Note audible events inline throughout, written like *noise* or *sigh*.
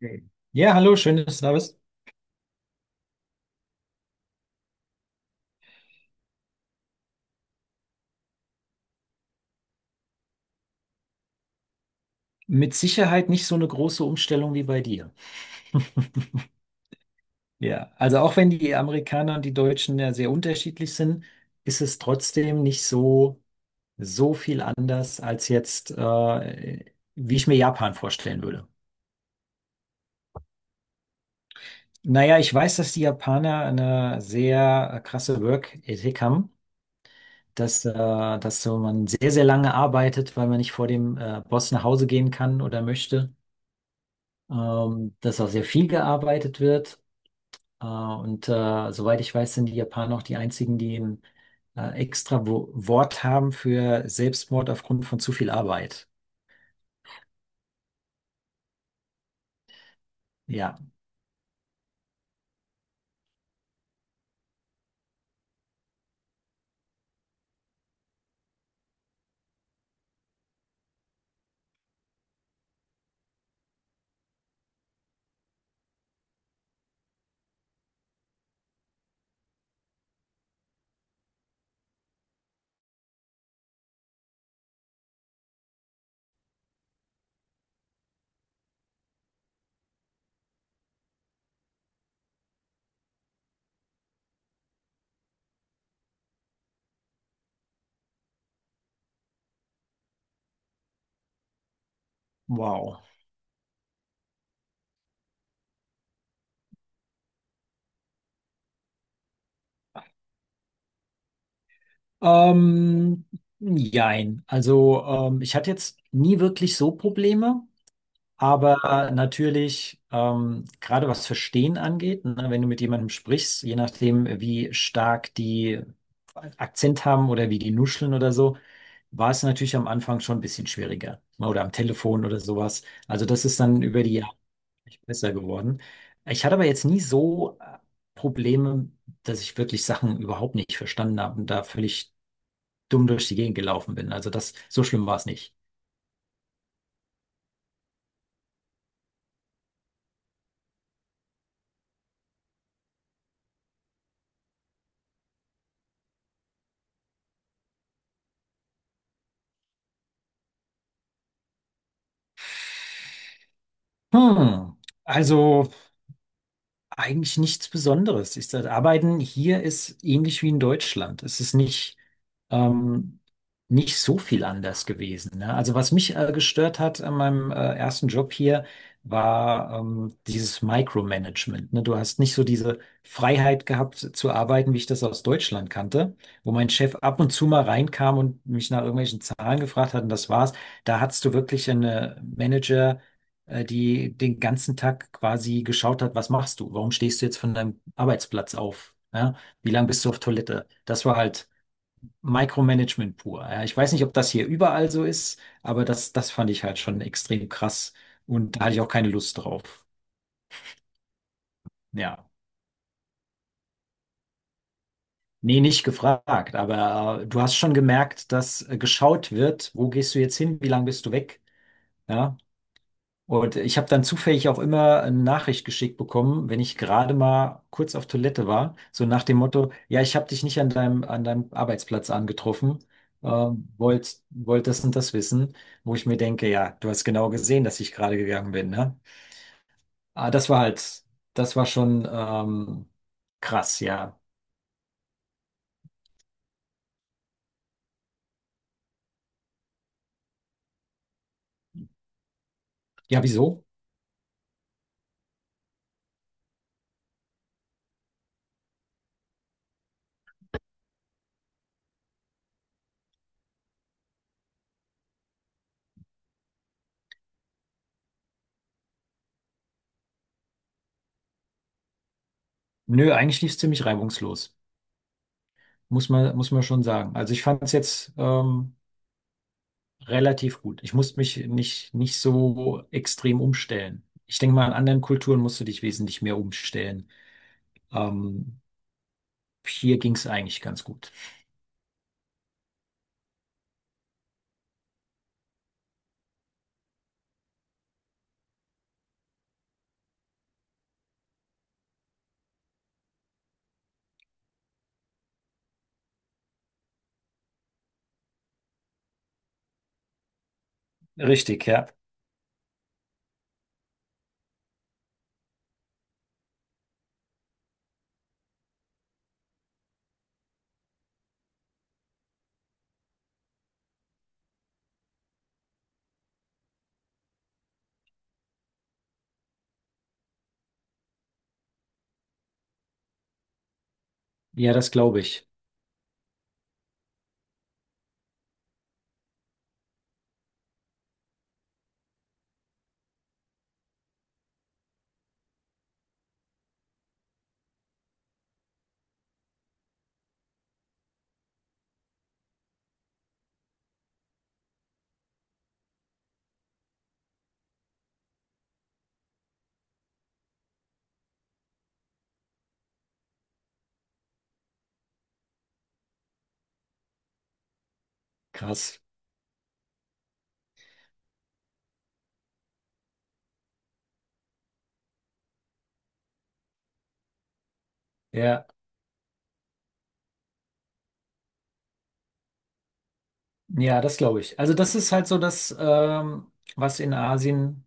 Hey. Ja, hallo, schön, dass du da bist. Mit Sicherheit nicht so eine große Umstellung wie bei dir. *laughs* Ja, also auch wenn die Amerikaner und die Deutschen ja sehr unterschiedlich sind, ist es trotzdem nicht so viel anders als jetzt, wie ich mir Japan vorstellen würde. Naja, ich weiß, dass die Japaner eine sehr krasse Work-Ethik haben, dass so man sehr lange arbeitet, weil man nicht vor dem Boss nach Hause gehen kann oder möchte, dass auch sehr viel gearbeitet wird. Und soweit ich weiß, sind die Japaner auch die einzigen, die ein extra Wo Wort haben für Selbstmord aufgrund von zu viel Arbeit. Ja, wow. Ähm, jein. Also ich hatte jetzt nie wirklich so Probleme. Aber natürlich, gerade was Verstehen angeht, ne, wenn du mit jemandem sprichst, je nachdem, wie stark die Akzent haben oder wie die nuscheln oder so, war es natürlich am Anfang schon ein bisschen schwieriger, ne. Oder am Telefon oder sowas. Also das ist dann über die Jahre echt besser geworden. Ich hatte aber jetzt nie so Probleme, dass ich wirklich Sachen überhaupt nicht verstanden habe und da völlig dumm durch die Gegend gelaufen bin. Also das, so schlimm war es nicht. Hm. Also. Eigentlich nichts Besonderes. Ich, das Arbeiten hier ist ähnlich wie in Deutschland. Es ist nicht, ähm, nicht so viel anders gewesen, ne. Also was mich gestört hat an meinem ersten Job hier, war dieses Micromanagement, ne. Du hast nicht so diese Freiheit gehabt zu arbeiten, wie ich das aus Deutschland kannte, wo mein Chef ab und zu mal reinkam und mich nach irgendwelchen Zahlen gefragt hat und das war's. Da hattest du wirklich eine die den ganzen Tag quasi geschaut hat, was machst du? Warum stehst du jetzt von deinem Arbeitsplatz auf? Ja? Wie lange bist du auf Toilette? Das war halt Micromanagement pur. Ja? Ich weiß nicht, ob das hier überall so ist, aber das fand ich halt schon extrem krass und da hatte ich auch keine Lust drauf. Ja. Nee, nicht gefragt, aber du hast schon gemerkt, dass geschaut wird, wo gehst du jetzt hin, wie lange bist du weg? Ja, und ich habe dann zufällig auch immer eine Nachricht geschickt bekommen, wenn ich gerade mal kurz auf Toilette war, so nach dem Motto, ja, ich habe dich nicht an deinem Arbeitsplatz angetroffen, wollt das und das wissen, wo ich mir denke, ja, du hast genau gesehen, dass ich gerade gegangen bin, ne? Ah, das war halt, das war schon krass, ja. Ja, wieso? Nö, eigentlich lief es ziemlich reibungslos, muss man schon sagen. Also ich fand es jetzt relativ gut. Ich musste mich nicht so extrem umstellen. Ich denke mal, in anderen Kulturen musst du dich wesentlich mehr umstellen. Ähm, hier ging es eigentlich ganz gut. Richtig, ja. Ja, das glaube ich. Krass. Ja, ja, das glaube ich. Also das ist halt so das, was in Asien,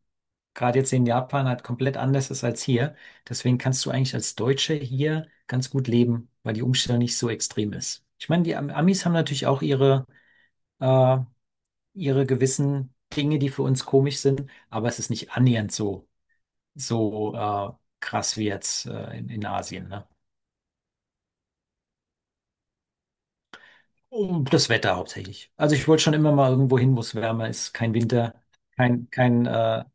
gerade jetzt in Japan, halt komplett anders ist als hier. Deswegen kannst du eigentlich als Deutscher hier ganz gut leben, weil die Umstellung nicht so extrem ist. Ich meine, die Amis haben natürlich auch ihre äh, ihre gewissen Dinge, die für uns komisch sind, aber es ist nicht annähernd so krass wie jetzt in Asien, ne? Und das Wetter hauptsächlich. Also ich wollte schon immer mal irgendwo hin, wo es wärmer ist, kein Winter, kein, kein, äh,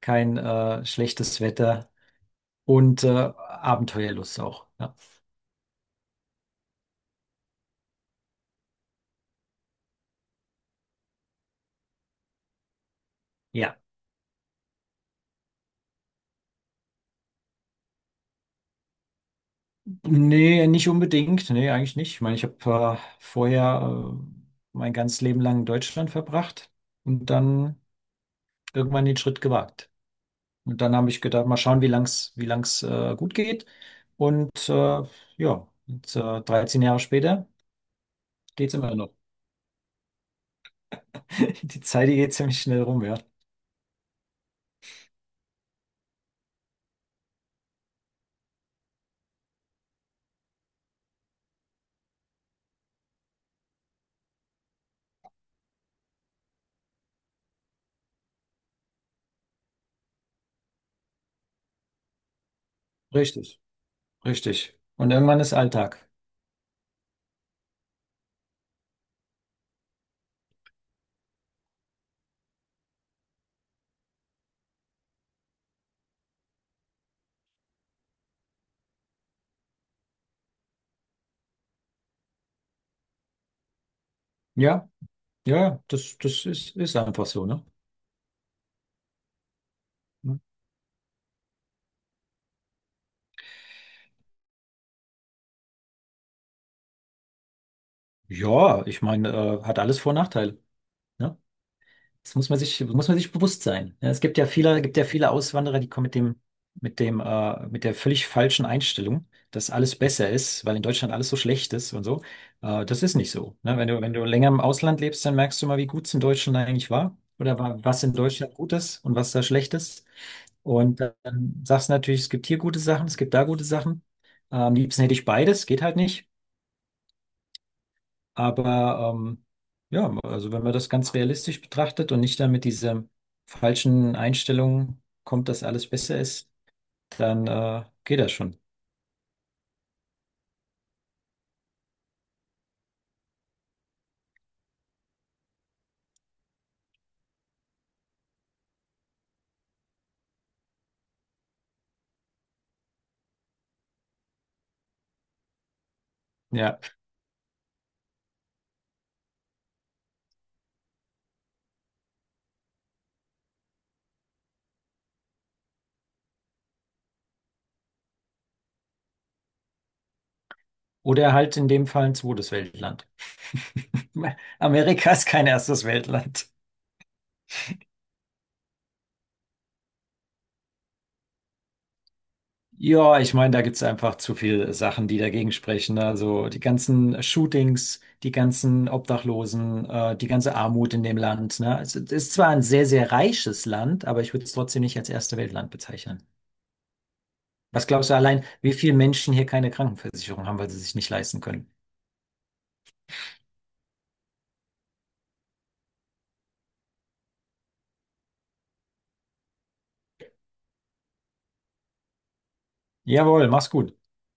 kein schlechtes Wetter und Abenteuerlust auch. Ja. Ja. Nee, nicht unbedingt. Nee, eigentlich nicht. Ich meine, ich habe vorher mein ganzes Leben lang in Deutschland verbracht und dann irgendwann den Schritt gewagt. Und dann habe ich gedacht, mal schauen, wie lang's gut geht. Und ja, jetzt, 13 Jahre später geht's immer noch. *laughs* Die Zeit, die geht ziemlich schnell rum, ja. Richtig, richtig. Und irgendwann ist Alltag. Ja, ja, das ist, ist einfach so, ne? Ja, ich meine, hat alles Vor- und Nachteile. Ne? Das muss man sich bewusst sein. Ja, es gibt ja viele Auswanderer, die kommen mit dem, mit der völlig falschen Einstellung, dass alles besser ist, weil in Deutschland alles so schlecht ist und so. Das ist nicht so. Ne? Wenn du, wenn du länger im Ausland lebst, dann merkst du mal, wie gut es in Deutschland eigentlich war oder was in Deutschland gut ist und was da schlecht ist. Und dann sagst du natürlich, es gibt hier gute Sachen, es gibt da gute Sachen. Am liebsten hätte ich beides, geht halt nicht. Aber ja, also wenn man das ganz realistisch betrachtet und nicht dann mit dieser falschen Einstellung kommt, dass alles besser ist, dann geht das schon. Ja. Oder halt in dem Fall ein zweites Weltland. *laughs* Amerika ist kein erstes Weltland. Ja, ich meine, da gibt's einfach zu viele Sachen, die dagegen sprechen. Also die ganzen Shootings, die ganzen Obdachlosen, die ganze Armut in dem Land. Ne? Also, es ist zwar ein sehr reiches Land, aber ich würde es trotzdem nicht als erste Weltland bezeichnen. Was glaubst du allein, wie viele Menschen hier keine Krankenversicherung haben, weil sie sich nicht leisten können? Jawohl, mach's gut.